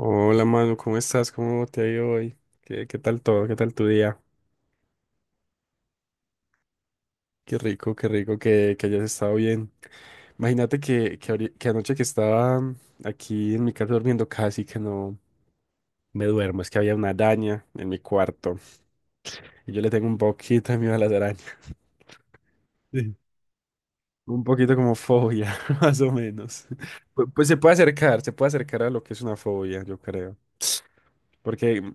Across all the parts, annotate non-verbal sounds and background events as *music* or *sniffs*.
Hola Manu, ¿cómo estás? ¿Cómo te ha ido hoy? ¿Qué tal todo? ¿Qué tal tu día? Qué rico que hayas estado bien. Imagínate que anoche que estaba aquí en mi casa durmiendo casi que no me duermo, es que había una araña en mi cuarto y yo le tengo un poquito de miedo a las arañas. *laughs* Sí. Un poquito como fobia, *laughs* más o menos. Pues, se puede acercar a lo que es una fobia, yo creo. Porque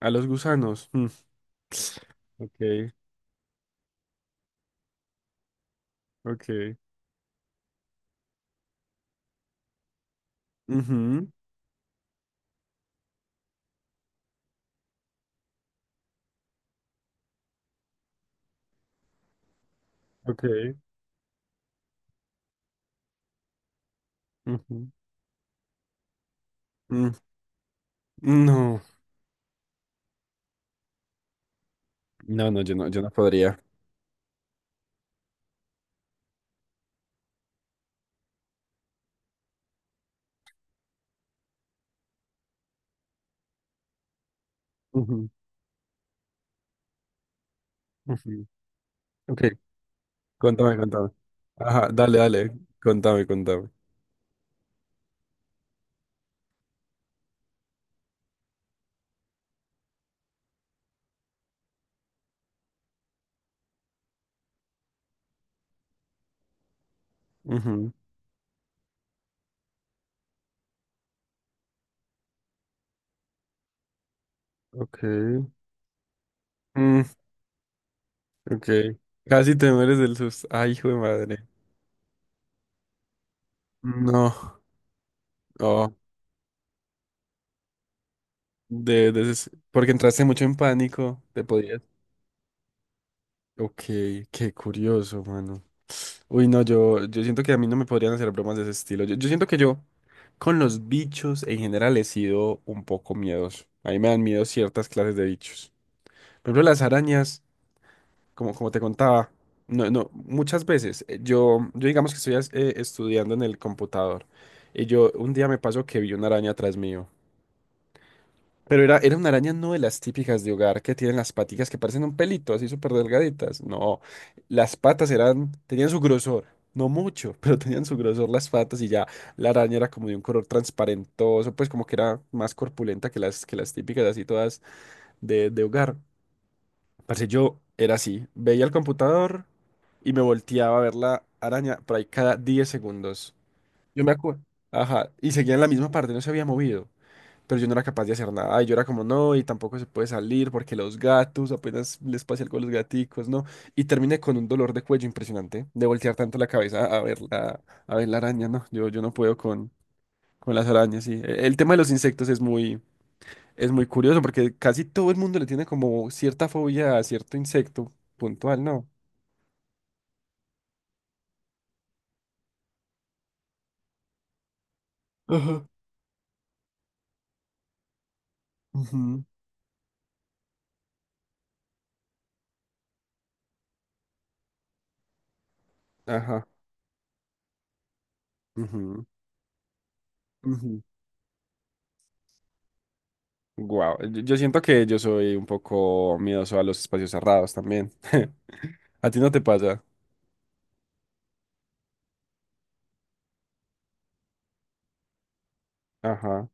a los gusanos. Mm. *sniffs* Ok. Ok, ujú, ok, ujú, mm, no, no, no, yo no podría. Ujú, ujú. Ok, contame, contame. Ajá, dale, dale, contame, contame. Ujú, ok, mm, ok. Casi te mueres del susto. Ay, hijo de madre. No, oh, porque entraste mucho en pánico, te podías. Ok, qué curioso, mano. Uy, no, yo siento que a mí no me podrían hacer bromas de ese estilo. Yo siento que yo con los bichos en general he sido un poco miedoso. A mí me dan miedo ciertas clases de bichos. Por ejemplo, las arañas, como te contaba, no, no, muchas veces yo digamos que estudiando en el computador y yo un día me pasó que vi una araña atrás mío. Pero era una araña no de las típicas de hogar que tienen las paticas que parecen un pelito, así súper delgaditas. No, las patas eran, tenían su grosor, no mucho, *laughs* pero tenían su grosor las patas y ya la araña era como de un color transparentoso, pues como que era más corpulenta que las típicas, así todas de hogar. Parce, yo era así, veía el computador y me volteaba a ver la araña por ahí cada 10 segundos. Yo me acuerdo. Ajá, y seguía en la misma parte, no se había movido pero yo no era capaz de hacer nada. Y yo era como, no, y tampoco se puede salir porque los gatos, apenas les pase algo a los gaticos, ¿no? Y terminé con un dolor de cuello impresionante, de voltear tanto la cabeza a ver la araña, ¿no? Yo no puedo con las arañas, sí. El tema de los insectos es muy curioso porque casi todo el mundo le tiene como cierta fobia a cierto insecto puntual, ¿no? Ajá. Ujú, ajá, ujú, ujú. Guau, yo siento que yo soy un poco miedoso a los espacios cerrados también. *laughs* A ti no te pasa. Ajá.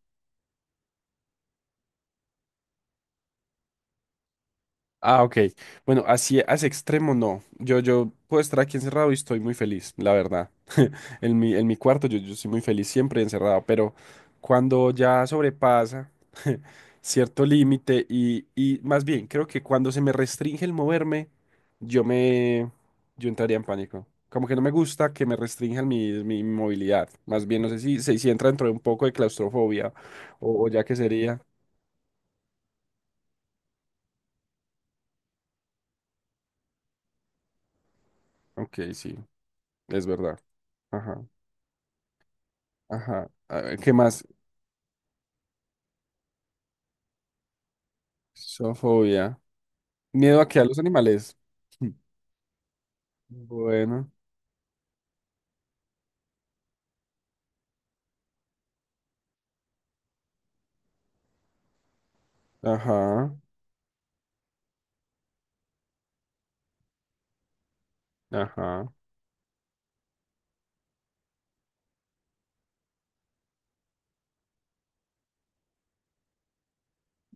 Ah, ok. Bueno, así a ese extremo no. Yo puedo estar aquí encerrado y estoy muy feliz, la verdad. *laughs* En mi cuarto yo soy muy feliz siempre encerrado, pero cuando ya sobrepasa *laughs* cierto límite y más bien, creo que cuando se me restringe el moverme, yo me, yo entraría en pánico. Como que no me gusta que me restrinjan mi movilidad. Más bien, no sé si entra dentro de un poco de claustrofobia o ya que sería. Ok, sí, es verdad. Ajá, ajá. A ver, ¿qué más? Sofobia. Miedo a que a los animales. *laughs* Bueno, ajá, ajá.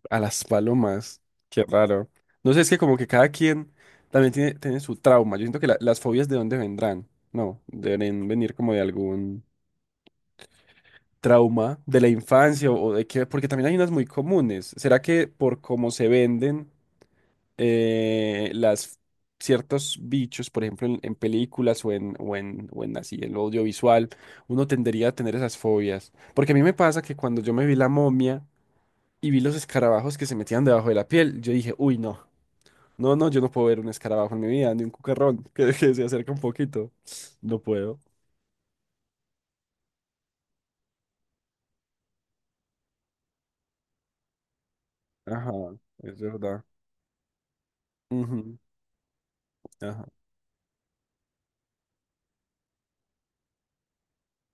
A las palomas. Qué raro. No sé, es que como que cada quien también tiene su trauma. Yo siento que las fobias de dónde vendrán. No, deben venir como de algún trauma de la infancia o de qué, porque también hay unas muy comunes. ¿Será que por cómo se venden? Las ciertos bichos, por ejemplo, en películas o en así, en lo audiovisual, uno tendería a tener esas fobias. Porque a mí me pasa que cuando yo me vi la momia y vi los escarabajos que se metían debajo de la piel, yo dije, uy, no, no, no, yo no puedo ver un escarabajo en mi vida, ni un cucarrón *laughs* que se acerca un poquito. No puedo. Ajá, es verdad. Ujú, ajá,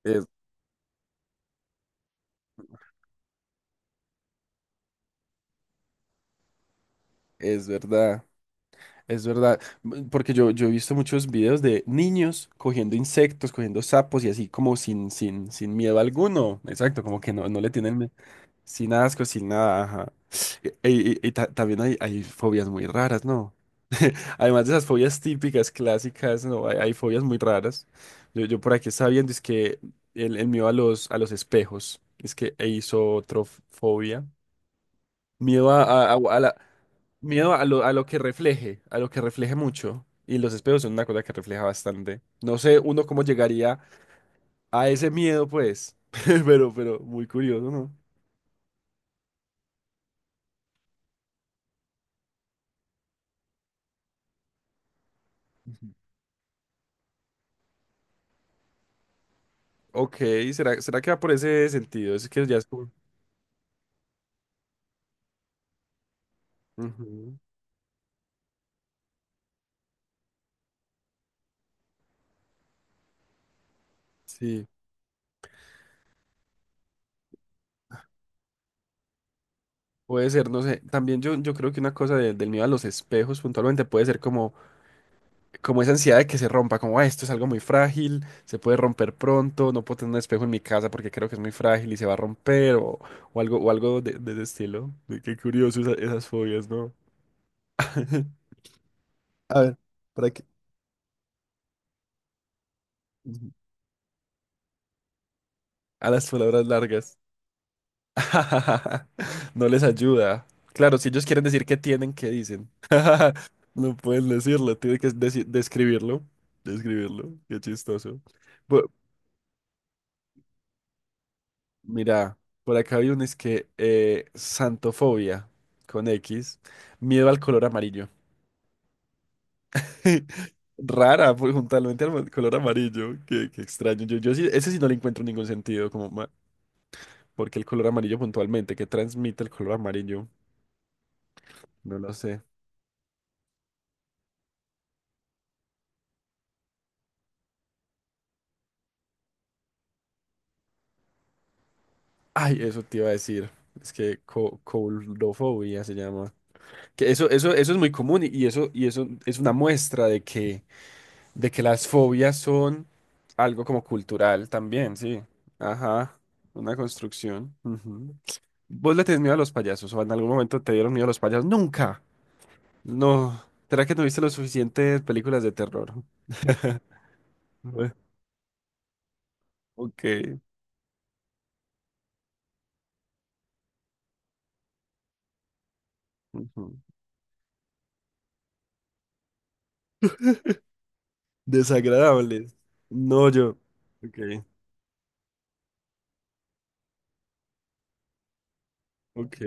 es, es verdad. Es verdad, porque yo he visto muchos videos de niños cogiendo insectos, cogiendo sapos y así como sin miedo alguno. Exacto, como que no, no le tienen sin asco, sin nada. Ajá. También hay fobias muy raras, ¿no? *laughs* Además de esas fobias típicas, clásicas, ¿no? Hay fobias muy raras. Yo por aquí estaba viendo, es que el mío a los espejos, es que hizo otra fobia. Miedo a la- miedo a lo que refleje, a lo que refleje mucho. Y los espejos son una cosa que refleja bastante. No sé uno cómo llegaría a ese miedo, pues. *laughs* Pero, muy curioso, ¿no? Ok, ¿será que va por ese sentido? Es que ya es como... Ujú, sí, puede ser, no sé. También yo creo que una cosa del miedo a los espejos puntualmente puede ser como como esa ansiedad de que se rompa, como "Ah, esto es algo muy frágil, se puede romper pronto, no puedo tener un espejo en mi casa porque creo que es muy frágil y se va a romper o algo, o algo de ese estilo. Qué curioso esas fobias, ¿no? *laughs* A ver, ¿para qué? A las palabras largas. *laughs* No les ayuda. Claro, si ellos quieren decir qué tienen, ¿qué dicen? No pueden decirlo, tienen que describirlo. Describirlo, qué chistoso. Bu- Mira, por acá hay un es que santofobia con X, miedo al color amarillo. *laughs* Rara, pues, juntamente al color amarillo, qué extraño. Yo sí, ese sí no le encuentro ningún sentido, porque el color amarillo puntualmente, ¿qué transmite el color amarillo? No lo sé. Ay, eso te iba a decir. Es que co coulrofobia se llama. Que eso es muy común y eso es una muestra de que las fobias son algo como cultural también, sí. Ajá, una construcción. Ujú. ¿Vos le tenés miedo a los payasos o en algún momento te dieron miedo a los payasos? Nunca. No. ¿Será que no viste lo suficientes películas de terror? *laughs* Bueno, ok, ujú. Desagradables. No, yo. Ok, ok,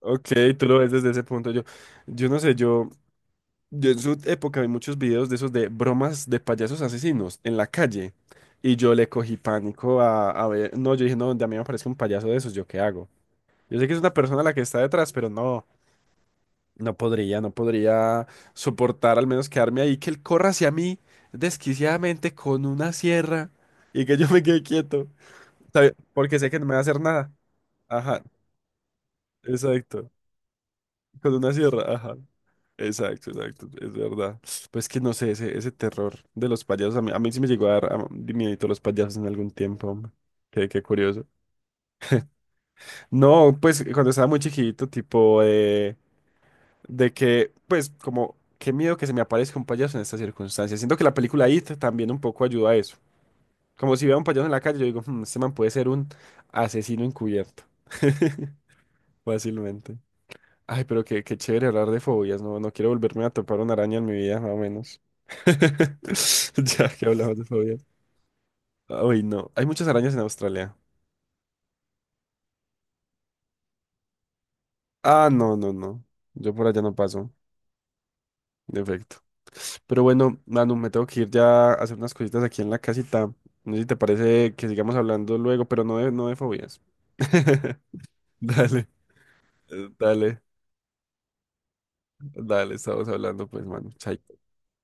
ok, tú lo ves desde ese punto. Yo no sé, yo. Yo en su época vi muchos videos de esos de bromas de payasos asesinos en la calle y yo le cogí pánico a ver, no, yo dije, no, donde a mí me aparece un payaso de esos, ¿yo qué hago? Yo sé que es una persona la que está detrás, pero no, no podría soportar al menos quedarme ahí, que él corra hacia mí desquiciadamente con una sierra y que yo me quede quieto, ¿sabe? Porque sé que no me va a hacer nada. Ajá, exacto. Con una sierra, ajá. Exacto, exacto, es verdad. Pues que no sé, ese terror de los payasos, a mí sí me llegó a dar miedito los payasos en algún tiempo, hombre. Qué curioso. No, pues cuando estaba muy chiquito, tipo, de que, pues, como, qué miedo que se me aparezca un payaso en estas circunstancias. Siento que la película It también un poco ayuda a eso. Como si veo a un payaso en la calle, yo digo, "Hmm, este man puede ser un asesino encubierto, *laughs* fácilmente. Ay, pero qué chévere hablar de fobias, no quiero volverme a topar una araña en mi vida, más o menos. *laughs* Ya que hablamos de fobias. Ay, no, hay muchas arañas en Australia. Ah, no, no, no. Yo por allá no paso, de efecto. Pero bueno, Manu, me tengo que ir ya a hacer unas cositas aquí en la casita. No sé si te parece que sigamos hablando luego, pero no de, no de fobias. *laughs* Dale, dale, dale, estamos hablando pues, Manu. Chaito.